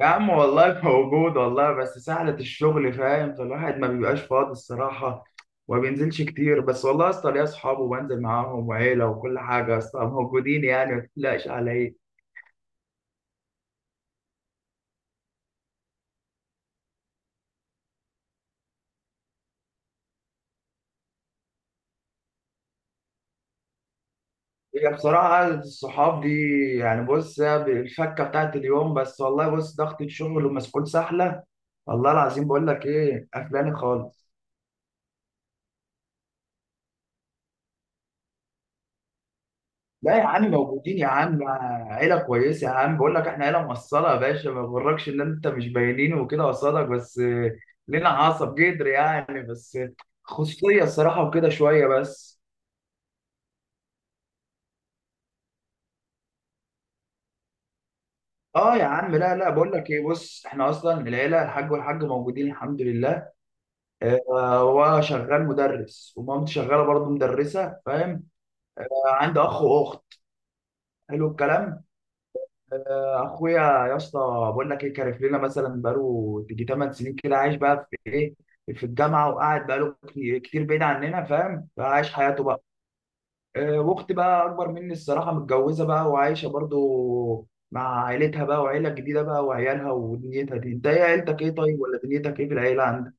يا عم والله موجود والله بس سهلة الشغل فاهم فالواحد ما بيبقاش فاضي الصراحة وما بينزلش كتير بس والله يا اسطى ليا اصحاب وبنزل معاهم وعيلة وكل حاجة يا اسطى موجودين يعني ما تقلقش على ايه. هي بصراحة قعدة الصحاب دي يعني بص هي الفكة بتاعت اليوم بس والله بص ضغط الشغل ومسؤول سهلة. والله العظيم بقول لك ايه قفلاني خالص. لا يا عم موجودين يا عم، عيلة كويسة يا عم بقول لك احنا عيلة موصلة يا باشا ما يغركش ان انت مش باينين وكده قصادك بس لنا عصب جدر يعني بس خصوصية الصراحة وكده شوية بس. اه يا عم لا بقول لك ايه بص احنا اصلا العيلة الحاج والحاج موجودين الحمد لله. آه، هو شغال مدرس ومامتي شغالة برضه مدرسة فاهم. عندي اخ واخت. حلو الكلام. اخويا يا اسطى بقول لك ايه كارف لنا مثلا بقاله تيجي 8 سنين كده عايش بقى في ايه في الجامعه وقاعد بقاله كتير بعيد عننا فاهم فعايش حياته بقى. واختي بقى اكبر مني الصراحه متجوزه بقى وعايشه برضو مع عيلتها بقى وعيله جديده بقى وعيالها ودنيتها دي انت ايه عيلتك ايه طيب ولا دنيتك ايه في العيله عندك؟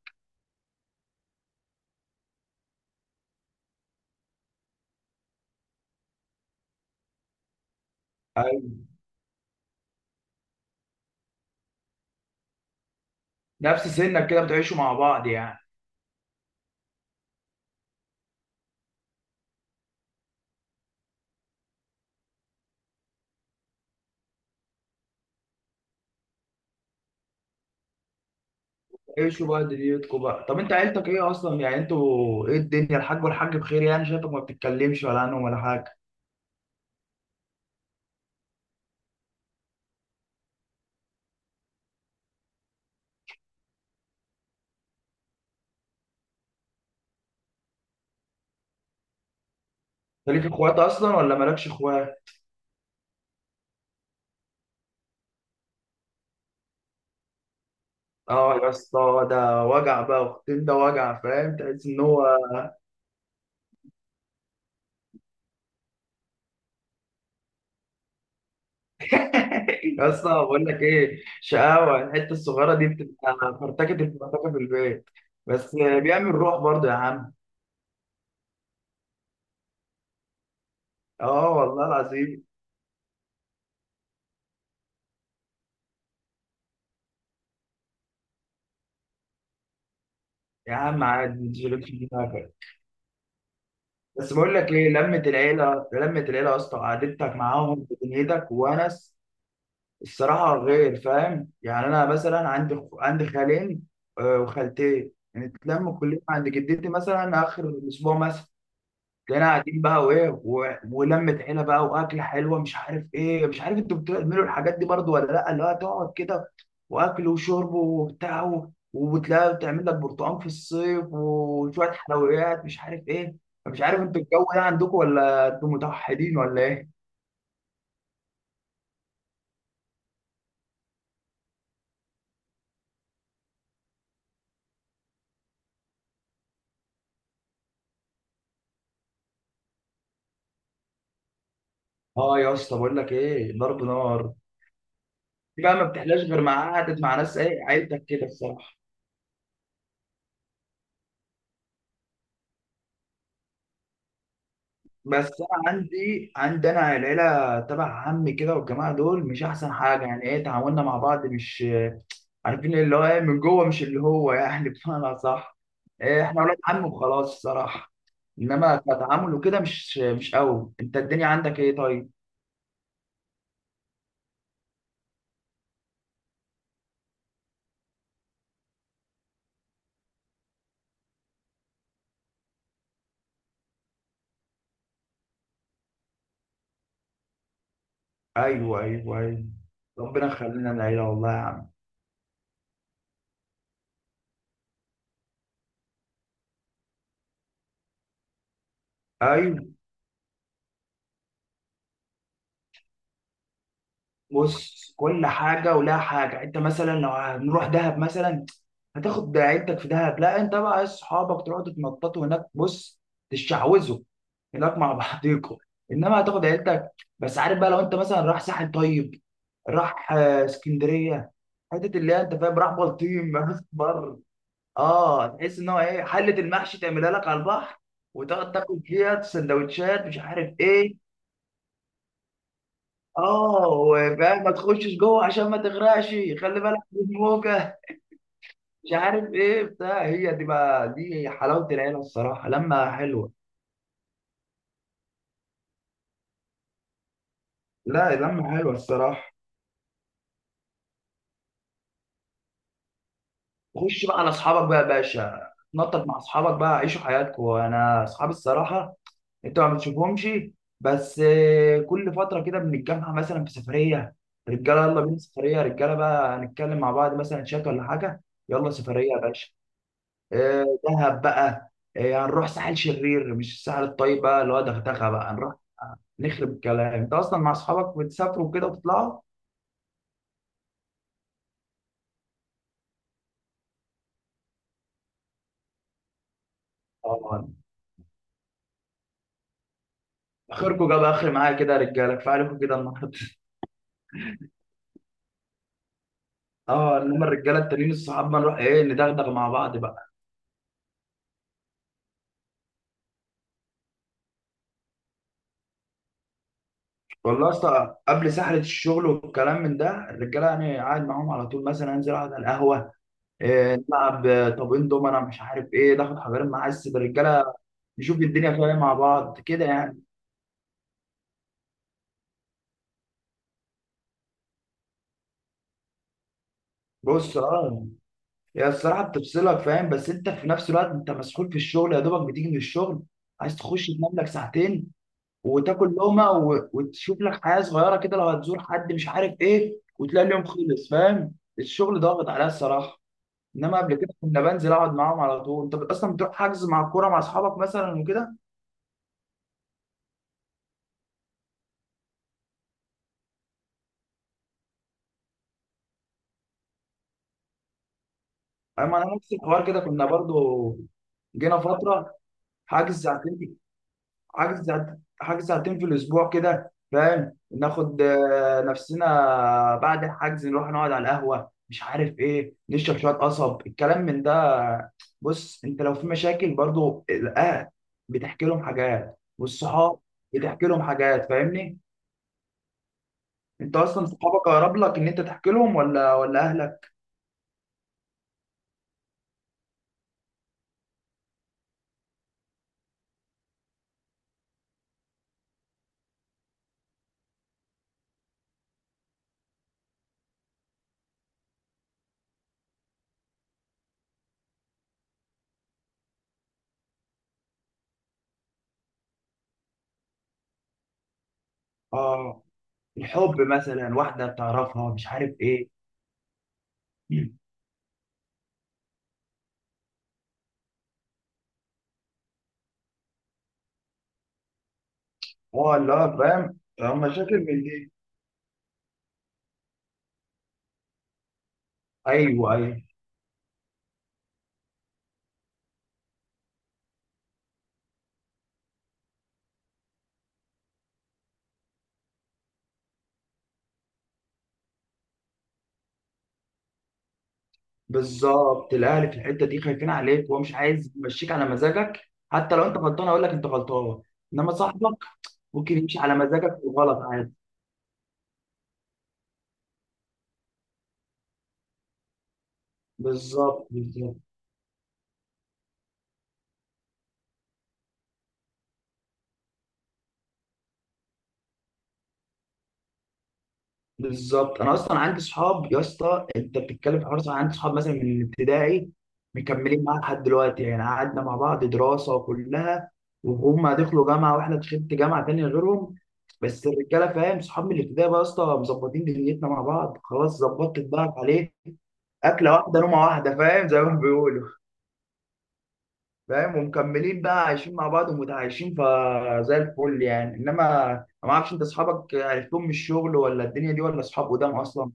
أيوة. نفس سنك كده بتعيشوا مع بعض يعني؟ عيشوا بقى دنيتكم بقى طب انت عيلتك ايه اصلا يعني انتوا ايه الدنيا الحاج والحاج بخير يعني شايفك ما بتتكلمش ولا عنهم ولا حاجه. انت ليك اخوات اصلا ولا مالكش اخوات؟ اه يا اسطى ده وجع بقى اختين ده وجع فاهم تحس ان هو يا اسطى بقول لك ايه شقاوه الحته الصغيره دي بتبقى فرتكه الفرتكه في البيت. بس بيعمل روح برضه يا عم. اه والله العظيم. يا عم عادي ما تشغلش دماغك، بس بقول لك ايه لمه العيله لمه العيله يا اسطى قعدتك معاهم في دنيتك وونس الصراحة غير فاهم يعني أنا مثلا عندي خالين وخالتين يعني تلم كلنا عند جدتي مثلا آخر الأسبوع مثلا تلاقينا قاعدين بقى ولمة عيلة بقى وأكلة حلوة مش عارف إيه، مش عارف أنتوا بتعملوا الحاجات دي برضو ولا لأ اللي هو تقعد كده وأكل وشرب وتلاقي بتعمل لك برتقال في الصيف وشوية حلويات مش عارف إيه، مش عارف أنتوا الجو ده عندكم ولا أنتوا متوحدين ولا إيه؟ آه يا اسطى بقول لك إيه ضرب نار. دي بقى ما بتحلاش غير مع قعدة مع ناس ايه عيلتك كده الصراحة. بس انا عندي انا العيلة تبع عمي كده والجماعة دول مش احسن حاجة يعني ايه تعاملنا مع بعض مش عارفين اللي هو ايه من جوه مش اللي هو يعني بمعنى صح. إيه احنا ولاد عم وخلاص الصراحة، انما كتعامل وكده مش قوي. انت الدنيا عندك ايه طيب؟ ايوه ايوه ايوه، ربنا يخلينا العيلة والله يا عم. ايوه بص كل حاجه ولها حاجه، انت مثلا لو هنروح دهب مثلا هتاخد عيلتك في دهب، لا انت بقى اصحابك تروحوا تتنططوا هناك بص تشعوذوا هناك مع بعضيكوا انما هتاخد عيلتك. بس عارف بقى لو انت مثلا راح ساحل طيب راح اسكندريه حته اللي هي انت فاهم راح بلطيم راح بر اه تحس ان هو ايه حله المحشي تعملها لك على البحر وتقعد تاكل فيها سندوتشات مش عارف ايه. اه وفاهم ما تخشش جوه عشان ما تغرقش، خلي بالك من الموجه مش عارف ايه بتاع. هي دي بقى دي حلاوه العيله الصراحه لما حلوه. لا لما حلوه الصراحه. خش بقى على اصحابك بقى يا باشا نطط مع اصحابك بقى عيشوا حياتكم. انا اصحابي الصراحه انتوا ما بتشوفهمش بس كل فتره كده بنتجمع مثلا في سفريه رجاله، يلا بينا سفريه رجاله بقى هنتكلم مع بعض مثلا شات ولا حاجه. يلا سفريه يا باشا دهب بقى، هنروح ساحل شرير مش الساحل الطيب بقى اللي هو دغدغه، بقى هنروح نخرب الكلام. انت اصلا مع اصحابك بتسافروا كده وتطلعوا؟ اه اخركم جاب اخر معايا كده يا رجاله كفايه عليكم كده النهارده. اه انما الرجاله التانيين الصحاب ما نروح ايه ندغدغ مع بعض بقى. والله اصلا قبل سحله الشغل والكلام من ده الرجاله يعني قاعد معاهم على طول، مثلا انزل اقعد على القهوه إيه نلعب طابين دومنا مش عارف ايه، ناخد حجرين معاه الرجاله نشوف الدنيا فيها إيه مع بعض كده يعني. بص اه هي الصراحة بتفصلك فاهم، بس انت في نفس الوقت انت مسحول في الشغل يا دوبك بتيجي من الشغل عايز تخش تنام لك ساعتين وتاكل لقمة وتشوف لك حياة صغيرة كده لو هتزور حد مش عارف ايه، وتلاقي اليوم خلص فاهم الشغل ضاغط عليا الصراحة. انما قبل كده كنا بنزل اقعد معاهم على طول. انت اصلا بتروح حجز مع الكورة مع اصحابك مثلا وكده؟ اما انا نفس الحوار كده كنا برضو جينا فترة حاجز ساعتين، حاجز ساعتين في الاسبوع كده فاهم ناخد نفسنا، بعد الحجز نروح نقعد على القهوه مش عارف ايه نشرب شويه قصب الكلام من ده. بص انت لو في مشاكل برضو الاهل بتحكي لهم حاجات، والصحاب بتحكي لهم حاجات فاهمني. انت اصلا صحابك اقرب لك ان انت تحكي لهم ولا اهلك؟ اه الحب مثلا واحده بتعرفها مش عارف ايه. اه لا فاهم مشاكل من دي. ايوه ايوه. بالظبط الاهل في الحته دي خايفين عليك وهو مش عايز يمشيك على مزاجك، حتى لو انت غلطان هيقول لك انت غلطان. انما صاحبك ممكن يمشي على مزاجك وغلط عادي. بالظبط بالظبط. بالظبط انا اصلا عندي صحاب يا اسطى انت بتتكلم في حوار صح، عندي صحاب مثلا من الابتدائي مكملين معايا لحد دلوقتي يعني قعدنا مع بعض دراسه وكلها، وهم دخلوا جامعه واحنا دخلت جامعه تانيه غيرهم. بس الرجاله فاهم صحاب من الابتدائي بقى يا اسطى مظبطين دنيتنا مع بعض خلاص ظبطت بقى عليه، اكله واحده نومه واحده فاهم زي ما بيقولوا، فاهم. ومكملين بقى عايشين مع بعض ومتعايشين فزي الفل يعني. انما ما اعرفش انت اصحابك عرفتهم من الشغل ولا الدنيا دي ولا اصحاب قدام اصلا؟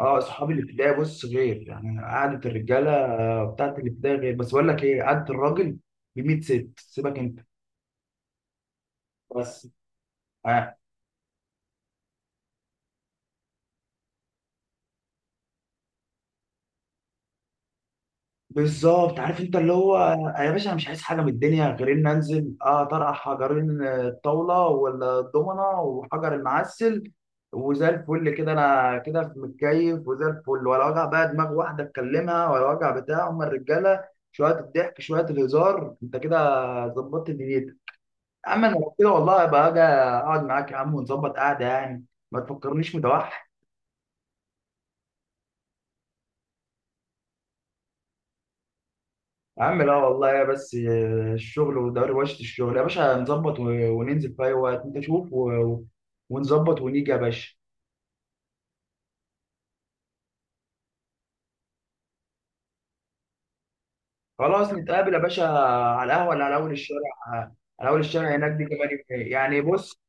اه اصحاب الابتدائي بص غير يعني قعده الرجاله بتاعت الابتدائي غير. بس بقول لك ايه قعده الراجل ب 100 ست سيبك انت. بس آه. بالظبط عارف انت اللي هو يا باشا انا مش عايز حاجه من الدنيا غير ان انزل اه طرح حجرين الطاوله ولا الضمنه وحجر المعسل، وزي الفل كده انا كده متكيف وزي الفل ولا وجع بقى دماغ واحده اتكلمها ولا وجع بتاع، هم الرجاله شويه الضحك شويه الهزار انت كده ظبطت دنيتك. اما انا لو كده والله بقى اجي اقعد معاك يا عم ونظبط قعده يعني، ما تفكرنيش متوحد. يا عم لا والله يا بس الشغل ودروشة الشغل يا باشا نظبط وننزل في أي وقت أنت شوف ونظبط ونيجي يا باشا. خلاص نتقابل يا باشا على القهوة اللي على أول الشارع، على أول الشارع هناك دي كمان يومين يعني بص،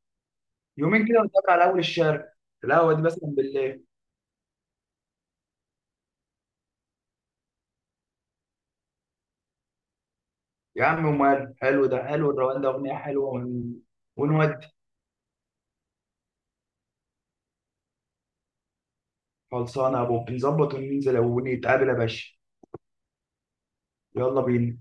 يومين كده ونتقابل على أول الشارع، القهوة دي مثلا بالليل. يا عم ومال حلو ده، حلو الروان ده أغنية حلوة ونودي. خلصانة يا أبو، نظبط وننزل ونتقابل يا باشا، يلا بينا.